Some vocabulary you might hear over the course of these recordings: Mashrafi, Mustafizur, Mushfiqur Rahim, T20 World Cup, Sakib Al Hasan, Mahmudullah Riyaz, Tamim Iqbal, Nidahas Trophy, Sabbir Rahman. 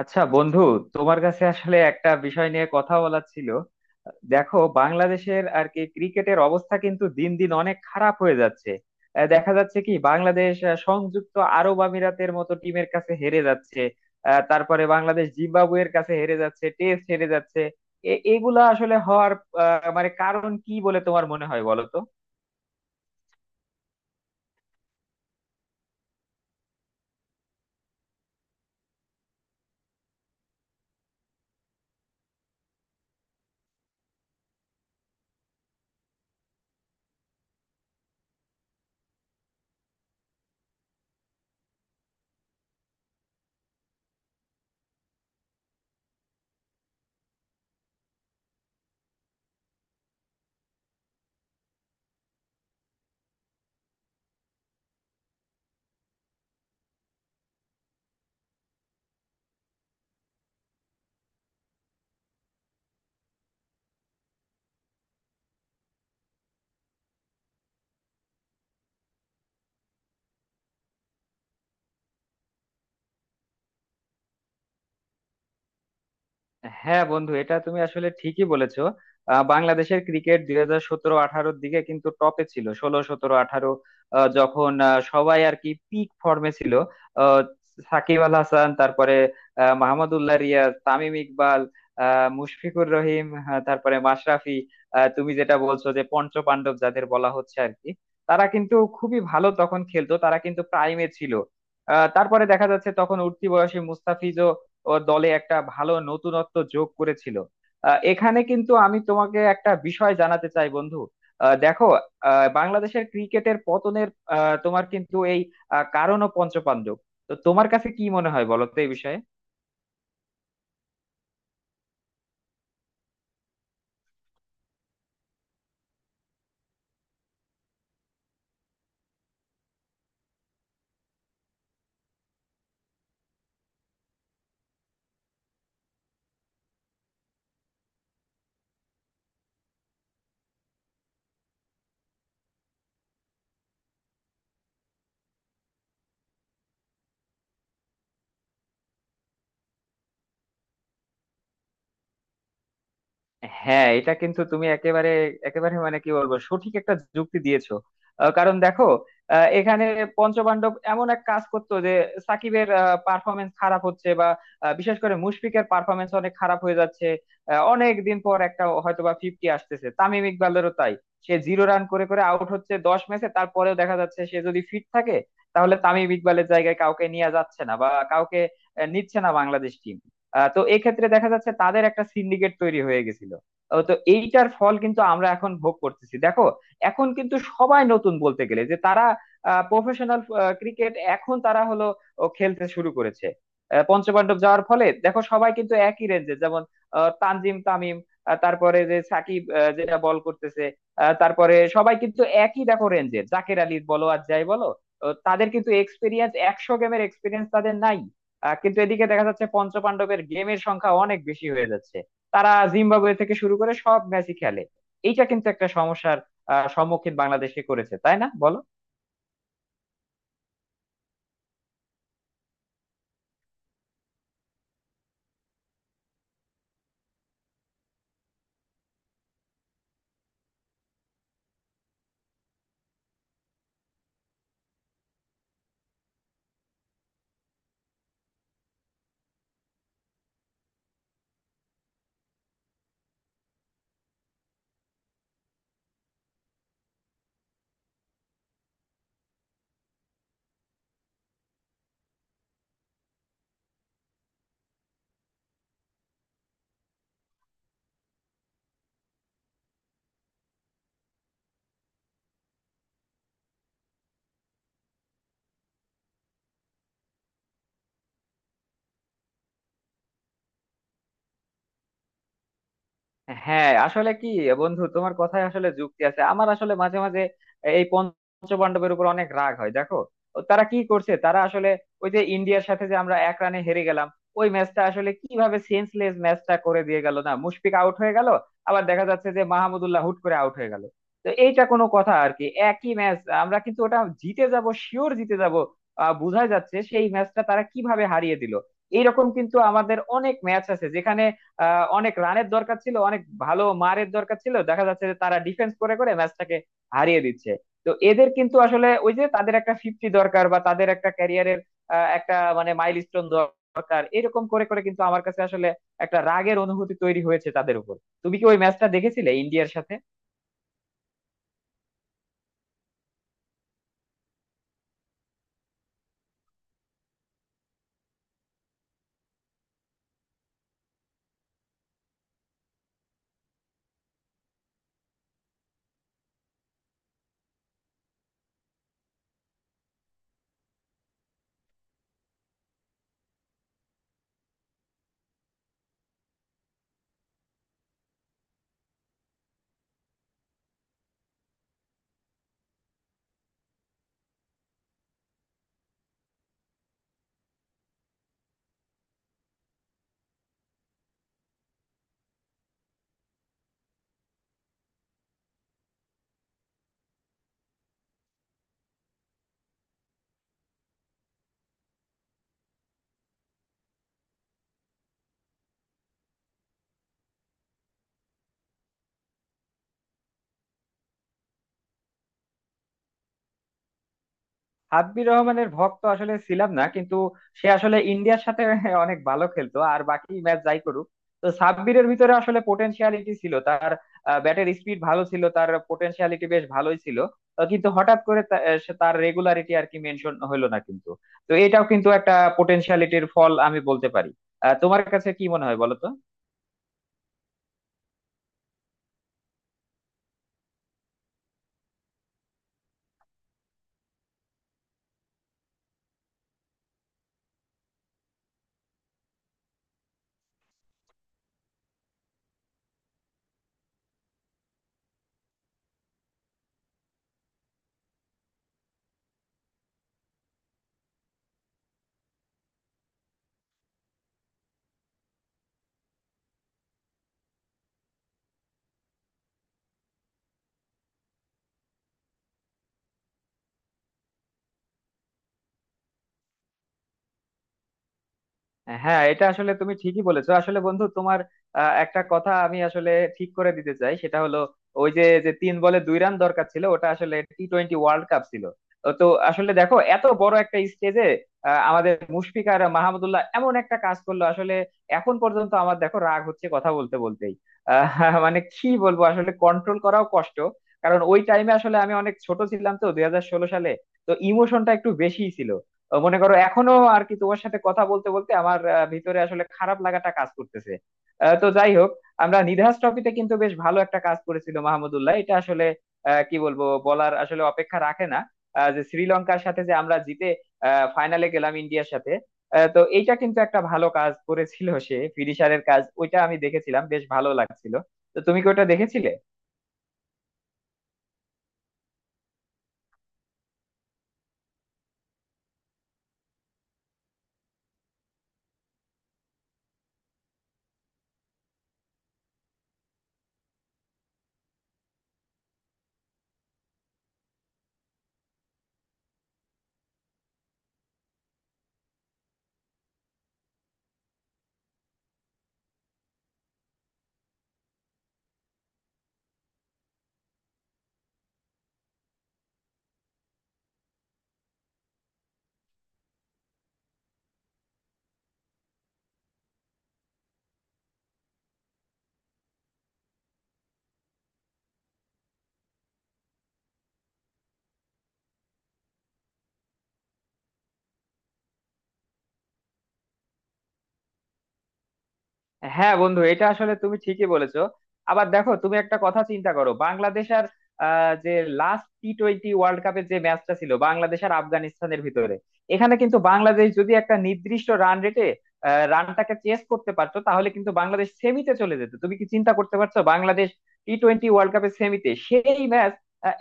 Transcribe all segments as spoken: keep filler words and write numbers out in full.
আচ্ছা বন্ধু, তোমার কাছে আসলে একটা বিষয় নিয়ে কথা বলার ছিল। দেখো, বাংলাদেশের আর কি ক্রিকেটের অবস্থা কিন্তু দিন দিন অনেক খারাপ হয়ে যাচ্ছে। আহ, দেখা যাচ্ছে কি বাংলাদেশ আহ, সংযুক্ত আরব আমিরাতের মতো টিমের কাছে হেরে যাচ্ছে। আহ, তারপরে বাংলাদেশ জিম্বাবুয়ের কাছে হেরে যাচ্ছে, টেস্ট হেরে যাচ্ছে। এ- এগুলা আসলে হওয়ার আহ, মানে কারণ কি বলে তোমার মনে হয়, বলো তো? হ্যাঁ বন্ধু, এটা তুমি আসলে ঠিকই বলেছো। আহ, বাংলাদেশের ক্রিকেট দুই হাজার সতেরো আঠারোর দিকে কিন্তু টপে ছিল, ষোলো সতেরো আঠারো, যখন আহ, সবাই আর কি পিক ফর্মে ছিল। আহ, সাকিব আল হাসান, তারপরে আহ, মাহমুদউল্লাহ রিয়াজ, তামিম ইকবাল, আহ, মুশফিকুর রহিম, হ্যাঁ, তারপরে মাশরাফি। আহ, তুমি যেটা বলছো যে পঞ্চপাণ্ডব যাদের বলা হচ্ছে আর কি, তারা কিন্তু খুবই ভালো তখন খেলতো, তারা কিন্তু প্রাইমে ছিল। আহ, তারপরে দেখা যাচ্ছে তখন উঠতি বয়সে মুস্তাফিজ ও দলে একটা ভালো নতুনত্ব যোগ করেছিল। আহ, এখানে কিন্তু আমি তোমাকে একটা বিষয় জানাতে চাই বন্ধু। আহ, দেখো, আহ, বাংলাদেশের ক্রিকেটের পতনের আহ, তোমার কিন্তু এই আহ, কারণ ও পঞ্চপাণ্ডব। তো তোমার কাছে কি মনে হয়, বলো তো এই বিষয়ে? হ্যাঁ, এটা কিন্তু তুমি একেবারে একেবারে মানে কি বলবো, সঠিক একটা যুক্তি দিয়েছো। আহ, কারণ দেখো, আহ, এখানে পঞ্চপাণ্ডব এমন এক কাজ করতো যে সাকিবের পারফরমেন্স খারাপ হচ্ছে, বা আহ, বিশেষ করে মুশফিকের পারফরমেন্স অনেক খারাপ হয়ে যাচ্ছে। আহ, অনেক দিন পর একটা হয়তোবা ফিফটি আসতেছে, তামিম ইকবালেরও তাই। সে জিরো রান করে করে আউট হচ্ছে দশ ম্যাচে, তারপরেও দেখা যাচ্ছে সে যদি ফিট থাকে তাহলে তামিম ইকবালের জায়গায় কাউকে নিয়ে যাচ্ছে না, বা কাউকে আহ, নিচ্ছে না বাংলাদেশ টিম। আহ তো এক্ষেত্রে দেখা যাচ্ছে তাদের একটা সিন্ডিকেট তৈরি হয়ে গেছিল। ও তো এইটার ফল কিন্তু আমরা এখন ভোগ করতেছি। দেখো, এখন কিন্তু সবাই নতুন, বলতে গেলে যে তারা প্রফেশনাল ক্রিকেট এখন তারা হলো ও খেলতে শুরু করেছে। আহ, পঞ্চপাণ্ডব যাওয়ার ফলে দেখো সবাই কিন্তু একই রেঞ্জে, যেমন আহ, তানজিম তামিম, আহ, তারপরে যে সাকিব, আহ, যেটা বল করতেছে, আহ, তারপরে সবাই কিন্তু একই দেখো রেঞ্জে, জাকের আলী বলো আর যাই বলো। ও তাদের কিন্তু এক্সপিরিয়েন্স, একশো গেমের এক্সপিরিয়েন্স তাদের নাই। আহ কিন্তু এদিকে দেখা যাচ্ছে পঞ্চপাণ্ডবের গেমের সংখ্যা অনেক বেশি হয়ে যাচ্ছে। তারা জিম্বাবুয়ে থেকে শুরু করে সব ম্যাচই খেলে। এইটা কিন্তু একটা সমস্যার আহ, সম্মুখীন বাংলাদেশকে করেছে, তাই না বলো? হ্যাঁ, আসলে কি বন্ধু, তোমার কথায় আসলে যুক্তি আছে। আমার আসলে মাঝে মাঝে এই পঞ্চপাণ্ডবের উপর অনেক রাগ হয়। দেখো ও তারা কি করছে, তারা আসলে ওই যে ইন্ডিয়ার সাথে যে আমরা এক রানে হেরে গেলাম, ওই ম্যাচটা আসলে কিভাবে সেন্সলেস ম্যাচটা করে দিয়ে গেল। না মুশফিক আউট হয়ে গেল, আবার দেখা যাচ্ছে যে মাহমুদুল্লাহ হুট করে আউট হয়ে গেল। তো এইটা কোনো কথা আর কি, একই ম্যাচ আমরা কিন্তু ওটা জিতে যাব, শিওর জিতে যাব। আহ বোঝাই যাচ্ছে সেই ম্যাচটা তারা কিভাবে হারিয়ে দিল। এইরকম কিন্তু আমাদের অনেক ম্যাচ আছে যেখানে আহ অনেক রানের দরকার ছিল, অনেক ভালো মারের দরকার ছিল, দেখা যাচ্ছে যে তারা ডিফেন্স করে করে ম্যাচটাকে হারিয়ে দিচ্ছে। তো এদের কিন্তু আসলে ওই যে তাদের একটা ফিফটি দরকার, বা তাদের একটা ক্যারিয়ারের একটা মানে মাইলস্টোন দরকার, এরকম করে করে কিন্তু আমার কাছে আসলে একটা রাগের অনুভূতি তৈরি হয়েছে তাদের উপর। তুমি কি ওই ম্যাচটা দেখেছিলে ইন্ডিয়ার সাথে? হাব্বির রহমানের ভক্ত আসলে ছিলাম না, কিন্তু সে আসলে ইন্ডিয়ার সাথে অনেক ভালো খেলতো আর বাকি ম্যাচ যাই করুক। তো সাব্বিরের ভিতরে আসলে পোটেনশিয়ালিটি ছিল, তার ব্যাটের স্পিড ভালো ছিল, তার পোটেনশিয়ালিটি বেশ ভালোই ছিল। আহ, কিন্তু হঠাৎ করে তা- আহ, সে তার রেগুলারিটি আর কি মেনশন হলো না কিন্তু। তো এটাও কিন্তু একটা পোটেনশিয়ালিটির ফল আমি বলতে পারি। আহ, তোমার কাছে কি মনে হয় বলো তো? হ্যাঁ, এটা আসলে তুমি ঠিকই বলেছো আসলে বন্ধু, তোমার আহ, একটা কথা আমি আসলে ঠিক করে দিতে চাই, সেটা হলো ওই যে যে তিন বলে দুই রান দরকার ছিল, ওটা আসলে টি টোয়েন্টি ওয়ার্ল্ড কাপ ছিল। তো তো আসলে দেখো এত বড় একটা স্টেজে আমাদের মুশফিক আর মাহমুদুল্লাহ এমন একটা কাজ করলো আসলে এখন পর্যন্ত আমার দেখো রাগ হচ্ছে কথা বলতে বলতেই। আহ, মানে কি বলবো আসলে, কন্ট্রোল করাও কষ্ট। কারণ ওই টাইমে আসলে আমি অনেক ছোট ছিলাম, তো দুই হাজার ষোলো সালে তো ইমোশনটা একটু বেশিই ছিল। আহ মনে করো এখনো আর কি তোমার সাথে কথা বলতে বলতে আমার আহ, ভিতরে আসলে খারাপ লাগাটা কাজ করতেছে। আহ, তো যাই হোক, আমরা নিধাস ট্রফিতে কিন্তু বেশ ভালো একটা কাজ করেছিল মাহমুদুল্লাহ, এটা আসলে আহ, কি বলবো, বলার আসলে অপেক্ষা রাখে না, আহ, যে শ্রীলঙ্কার সাথে যে আমরা জিতে ফাইনালে গেলাম ইন্ডিয়ার সাথে। আহ, তো এইটা কিন্তু একটা ভালো কাজ করেছিল সে, ফিনিশারের কাজ। ওইটা আমি দেখেছিলাম, বেশ ভালো লাগছিল। তো তুমি কি ওটা দেখেছিলে? হ্যাঁ বন্ধু, এটা আসলে তুমি ঠিকই বলেছো। আবার দেখো, তুমি একটা কথা চিন্তা করো, বাংলাদেশ আর আহ, যে লাস্ট টি টোয়েন্টি ওয়ার্ল্ড কাপের যে ম্যাচটা ছিল বাংলাদেশ আর আফগানিস্তানের ভিতরে, এখানে কিন্তু বাংলাদেশ যদি একটা নির্দিষ্ট রান রেটে রানটাকে চেস করতে পারতো তাহলে কিন্তু বাংলাদেশ সেমিতে চলে যেত। তুমি কি চিন্তা করতে পারছো, বাংলাদেশ টি টোয়েন্টি ওয়ার্ল্ড কাপের সেমিতে! সেই ম্যাচ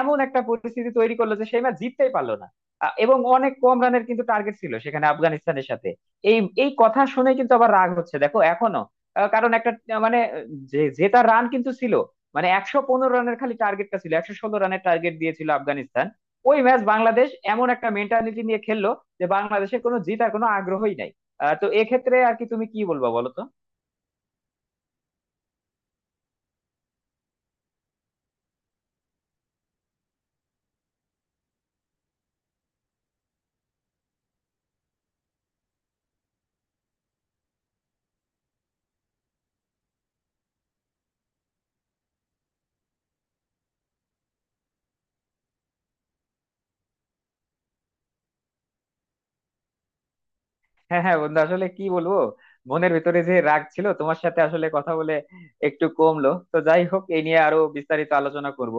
এমন একটা পরিস্থিতি তৈরি করলো যে সেই ম্যাচ জিততেই পারলো না। আহ, এবং অনেক কম রানের কিন্তু টার্গেট ছিল সেখানে আফগানিস্তানের সাথে। এই এই কথা শুনে কিন্তু আবার রাগ হচ্ছে দেখো এখনো। আহ কারণ একটা আহ, মানে যে জেতা রান কিন্তু ছিল, মানে একশো পনেরো রানের খালি টার্গেটটা ছিল, একশো ষোলো রানের টার্গেট দিয়েছিল আফগানিস্তান। ওই ম্যাচ বাংলাদেশ এমন একটা মেন্টালিটি নিয়ে খেললো যে বাংলাদেশের কোনো জেতার কোনো আগ্রহই নাই। আহ, তো এক্ষেত্রে আর কি তুমি কি বলবা, বলো তো? হ্যাঁ, হ্যাঁ বন্ধু, আসলে কি বলবো, মনের ভিতরে যে রাগ ছিল তোমার সাথে আসলে কথা বলে একটু কমলো। তো যাই হোক, এই নিয়ে আরো বিস্তারিত আলোচনা করব।